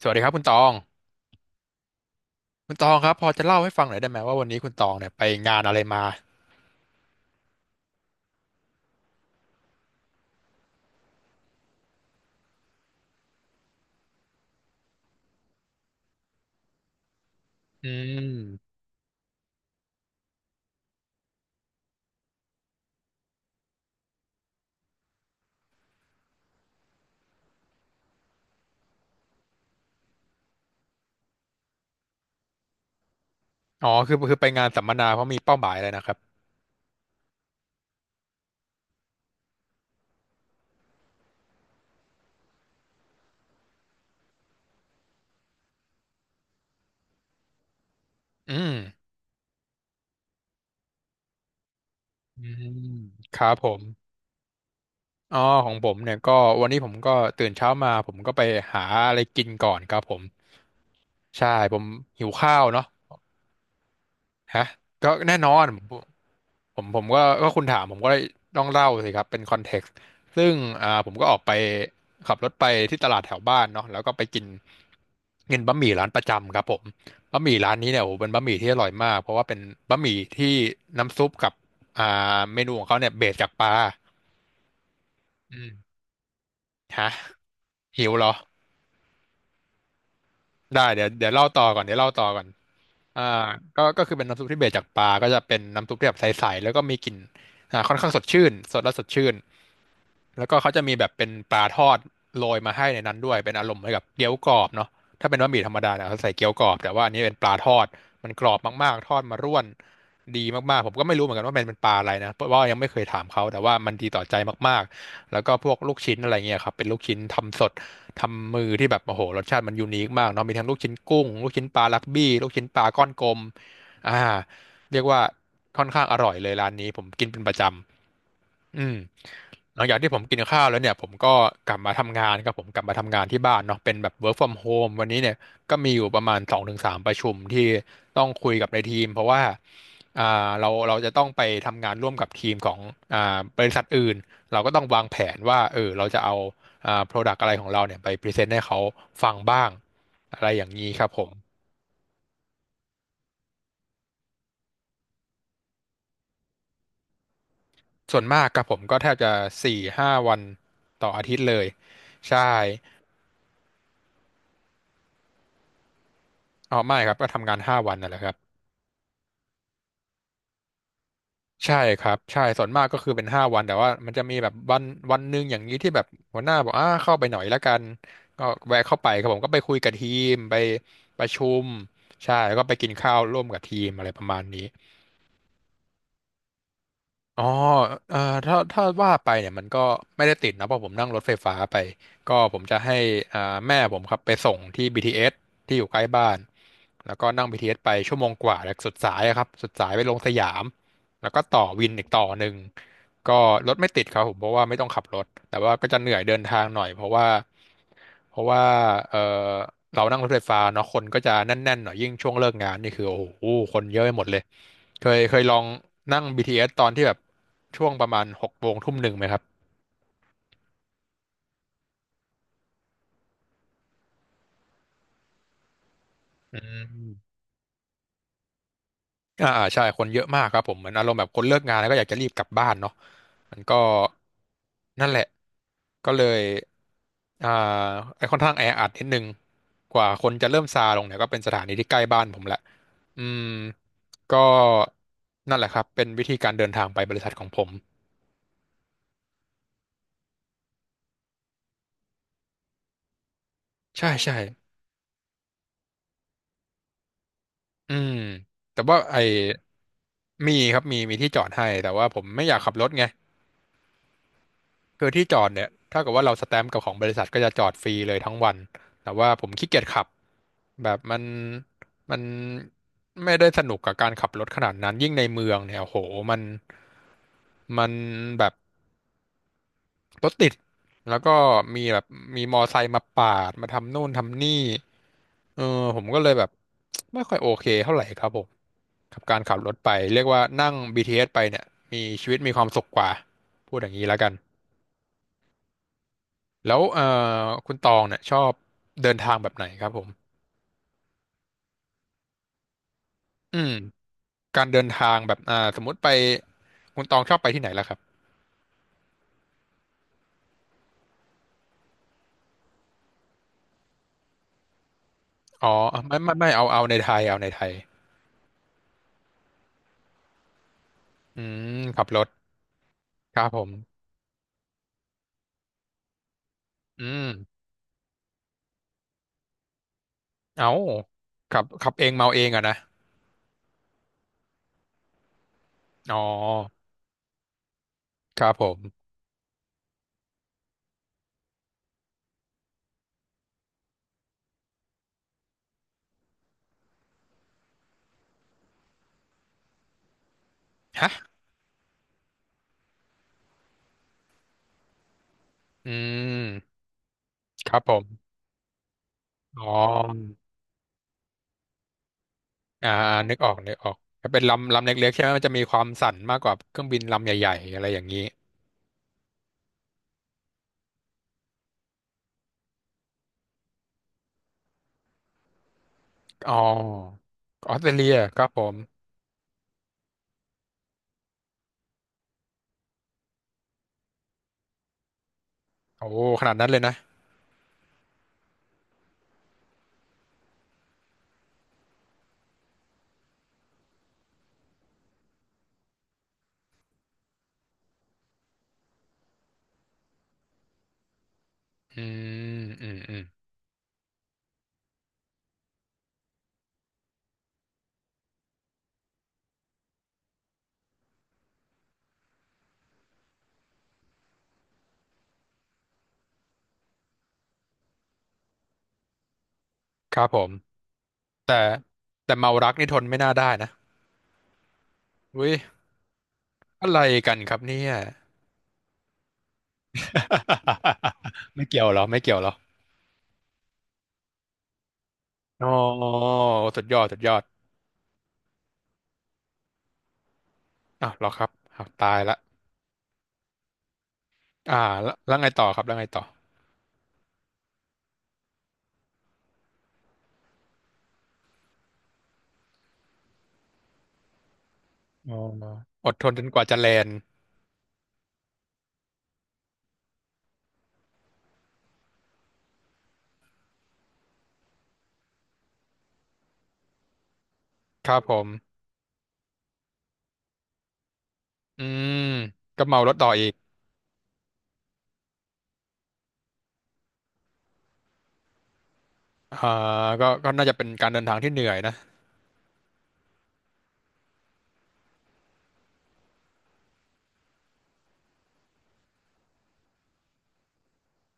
สวัสดีครับคุณตอง คุณตองครับพอจะเล่าให้ฟังหน่อยได้ไหมว่าวันนี้คุณตองเนี่ยไปงานอะไรมาอืมอ๋อคือไปงานสัมมนาเพราะมีเป้าหมายอะไรนะครับอืมอืมครับผมอ๋อของผมเนี่ยก็วันนี้ผมก็ตื่นเช้ามาผมก็ไปหาอะไรกินก่อนครับผมใช่ผมหิวข้าวเนาะฮะก็แน่นอน ผมก็คุณถามผมก็ต้องเล่าสิครับเป็นคอนเท็กซ์ซึ่งผมก็ออกไปขับรถไปที่ตลาดแถวบ้านเนาะแล้วก็ไปกินกินบะหมี่ร้านประจำครับผมบะหมี่ร้านนี้เนี่ยโอ้โหเป็นบะหมี่ที่อร่อยมากเพราะว่าเป็นบะหมี่ที่น้ำซุปกับอ่าเมนูของเขาเนี่ยเบสจากปลาอืมฮะหิวเหรอได้เดี๋ยวเล่าต่อก่อนเดี๋ยวเล่าต่อก่อนอ่าก็คือเป็นน้ำซุปที่เบสจากปลาก็จะเป็นน้ำซุปที่แบบใสๆแล้วก็มีกลิ่นค่อนข้างสดชื่นสดและสดชื่น แล้วก็เขาจะมีแบบเป็นปลาทอดโรยมาให้ในนั้นด้วยเป็นอารมณ์เหมือนกับเกี๊ยวกรอบเนาะถ้าเป็นบะหมี่ธรรมดาเนี่ยเขาใส่เกี๊ยวกรอบแต่ว่าอันนี้เป็นปลาทอดมันกรอบมากๆทอดมาร่วนดีมากๆผมก็ไม่รู้เหมือนกันว่ามันเป็นปลาอะไรนะเพราะว่ายังไม่เคยถามเขาแต่ว่ามันดีต่อใจมากๆแล้วก็พวกลูกชิ้นอะไรเงี้ยครับเป็นลูกชิ้นทำสดทำมือที่แบบโอ้โหรสชาติมันยูนิคมากเนาะมีทั้งลูกชิ้นกุ้งลูกชิ้นปลารักบี้ลูกชิ้นปลาก้อนกลมอ่าเรียกว่าค่อนข้างอร่อยเลยร้านนี้ผมกินเป็นประจำ อืมหลังจากที่ผมกินข้าวแล้วเนี่ยผมก็กลับมาทำงานครับผมกลับมาทำงานที่บ้านเนาะเป็นแบบ work from home วันนี้เนี่ยก็มีอยู่ประมาณ2-3ประชุมที่ต้องคุยกับในทีมเพราะว่าอ่เราจะต้องไปทำงานร่วมกับทีมของบริษัทอื่นเราก็ต้องวางแผนว่าเราจะเอาproduct อะไรของเราเนี่ยไปพรีเซนต์ให้เขาฟังบ้าง อะไรอย่างนี้ครับผม ส่วนมากครับผมก็แทบจะ4-5 วันต่ออาทิตย์เลยใช่อ๋อไม่ครับก็ทำงานห้าวันนั่นแหละครับ ใช่ครับใช่ส่วนมากก็คือเป็นห้าวัน แต่ว่ามันจะมีแบบวันหนึ่งอย่างนี้ที่แบบหัวหน้าบอกเข้าไปหน่อยละกันก็แวะเข้าไปครับผมก็ไปคุยกับทีมไปประชุมใช่แล้วก็ไปกินข้าวร่วมกับทีมอะไรประมาณนี้ อ๋อเอ่อถ้าว่าไปเนี่ยมันก็ไม่ได้ติดนะเพราะผมนั่งรถไฟฟ้าไปก็ผมจะให้อ่าแม่ผมครับไปส่งที่ BTS ทีเอสที่อยู่ใกล้บ้านแล้วก็นั่ง BTS ไปชั่วโมงกว่าจากสุดสายอะครับสุดสายไปลงสยามแล้วก็ต่อวินอีกต่อหนึ่งก็รถไม่ติดครับผมเพราะว่าไม่ต้องขับรถแต่ว่าก็จะเหนื่อยเดินทางหน่อยเพราะว่าเออเรานั่งรถไฟฟ้าเนาะคนก็จะแน่นๆหน่อยยิ่งช่วงเลิกงานนี่คือโอ้โหคนเยอะไปหมดเลย เคยลองนั่ง BTS ตอนที่แบบช่วงประมาณ6 โมง1 ทุ่มไหมครับอืมอ่าอ่าใช่ คนเยอะมากครับผม เหมือนอารมณ์แบบคนเลิกงานแล้วก็อยากจะรีบกลับบ้านเนาะมันก็นั่นแหละ ก็เลย อ่าไอ้ค่อนข้างแออัดนิดนึง กว่าคนจะเริ่มซาลงเนี่ยก็เป็นสถานีที่ใกล้บ้านผมแหละ อืม ก็นั่นแหละครับ เป็นวิธีการเดินทางไปบริษัทของผมใช่ใช่ อืมแต่ว่าไอ้มีครับมีที่จอดให้แต่ว่าผมไม่อยากขับรถไงคือที่จอดเนี่ยถ้าเกิดว่าเราสแตมป์กับของบริษัทก็จะจอดฟรีเลยทั้งวันแต่ว่าผมขี้เกียจขับแบบมันไม่ได้สนุกกับการขับรถขนาดนั้นยิ่งในเมืองเนี่ยโอ้โหมันมันแบบรถติดแล้วก็มีแบบมีมอไซค์มาปาดมาทำนู่นทำนี่ เออผมก็เลยแบบ ไม่ค่อยโอเคเท่าไหร่ครับผมกับการขับรถไปเรียกว่านั่งบีทีเ t สไปเนี่ยมีชีวิตมีความสุขกว่าพูดอย่างนี้แล้วกันแล้วเออคุณตองเนี่ยชอบเดินทางแบบไหนครับผมอืมการเดินทางแบบสมมุติไปคุณตองชอบไปที่ไหนล่ะครับอ๋อไม่ไม่เอาในไทยอืมขับรถครับผมอืมเอาขับเองเมาเองอะนะอ๋อครับผมฮะอืมครับผม อ๋ออ่านึกออกถ้าเป็นลำเล็กๆใช่ไหมมันจะมีความสั่นมากกว่าเครื่องบินลำใหญ่ๆอะไรอย่างนี้อ๋อออสเตรเลียครับผมโอ้ขนาดนั้นเลยนะอือืมอืมครับผมแต่แต่เมารักนี่ทนไม่น่าได้นะอุ้ยอะไรกันครับเนี่ย ไม่เกี่ยวเหรอไม่เกี่ยวเหรออ๋อสุดยอดอ้าวเหรอครับอ้าวตายละอ่าแล้วไงต่อครับแล้วไงต่ออ๋ออดทนจนกว่าจะแลนด์ครับผม อืมก็เมารถต่ออีกอ่าก็น่าจะเป็นการเดินทางที่เหนื่อยนะ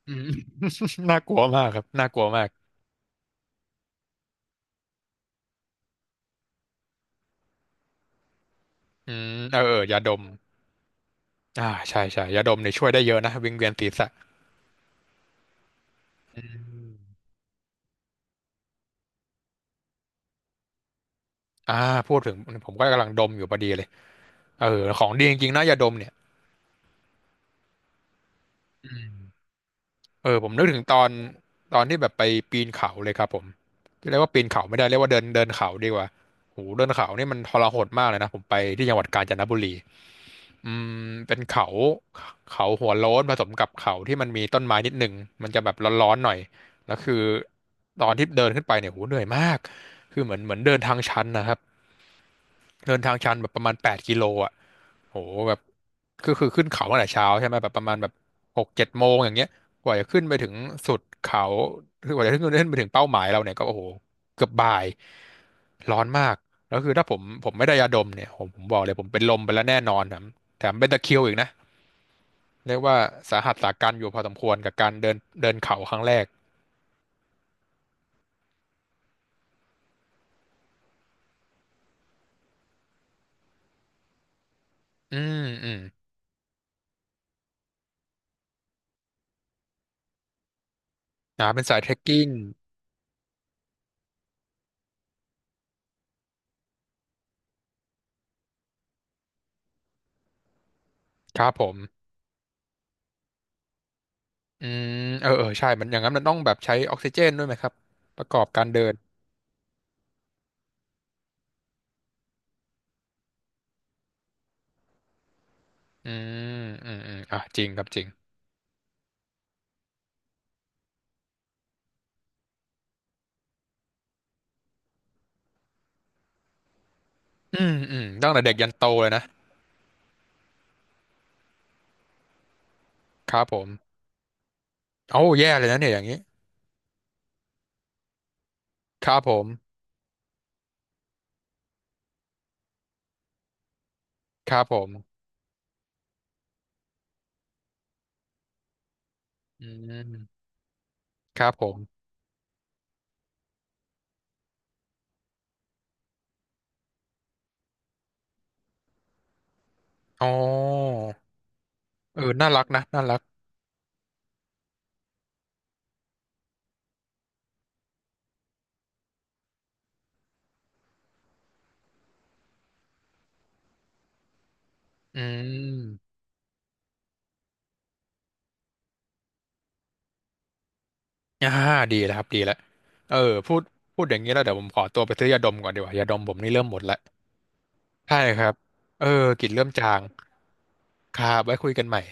อืม น่ากลัวมากครับน่ากลัวมากอืมเออเออยาดมอ่าใช่ใช่ยาดมเนี่ยช่วยได้เยอะนะวิงเวียนศีรษะอ่าพูดถึงผมก็กำลังดมอยู่พอดีเลยเออของดีจริงๆนะยาดมเนี่ยเออผมนึกถึงตอนที่แบบไปปีนเขาเลยครับผมเรียกว่าปีนเขาไม่ได้เรียกว่าเดินเดินเขาดีกว่าโหเดินเขานี่มันทรหดมากเลยนะผมไปที่จังหวัดกาญจนบุรี อืมเป็นเขาเขาหัวโล้นผสมกับเขาที่มันมีต้นไม้นิดหนึ่งมันจะแบบร้อนๆหน่อยแล้วคือตอนที่เดินขึ้นไปเนี่ยโหเหนื่อยมากคือเหมือนเดินทางชันนะครับเดินทางชันแบบประมาณแปดกิโลอ่ะโหแบบคือขึ้นเขาตั้งแต่เช้าใช่ไหมแบบประมาณแบบหกเจ็ดโมงอย่างเงี้ยกว่าจะขึ้นไปถึงสุดเขาคือกว่าจะขึ้นไปถึงเป้าหมายเราเนี่ยก็โอ้โหเกือบบ่ายร้อนมากแล้วคือถ้าผมไม่ได้ยาดมเนี่ยผมบอกเลยผมเป็นลมไปแล้วแน่นอนแถมเป็นตะคริวอีกนะ เรียกว่าสาหัสสากันอยู่พอสมควรกับการเดินเดินเขาครั้งแรกอืมอืมนาเป็นสายเทรคกิ้งครับผมอืมเออใช่มันอย่างนั้นมันต้องแบบใช้ออกซิเจนด้วยไหมครับ ประกอบการเดินอืมอืมอ่ะจริงครับจริงอืมอืมตั้งแต่เด็กยันโตเลยนะครับผมโอ้าแย่เลยนะเนี่ยอย่างนี้ครับผมครับผม อืมครับผมอ๋อเออน่ารักนะ น่ารักอืม อ่าดีแล้วครับดีแล้วเออพูดอย่างนี้แล้วเดี๋ยวผมขอตัวไปซื้อยาดมก่อนดีกว่ายาดมผมนี่เริ่มหมดแล้วใช่ครับเออกลิ่นเริ่มจางครับไว้คุยกันใหม่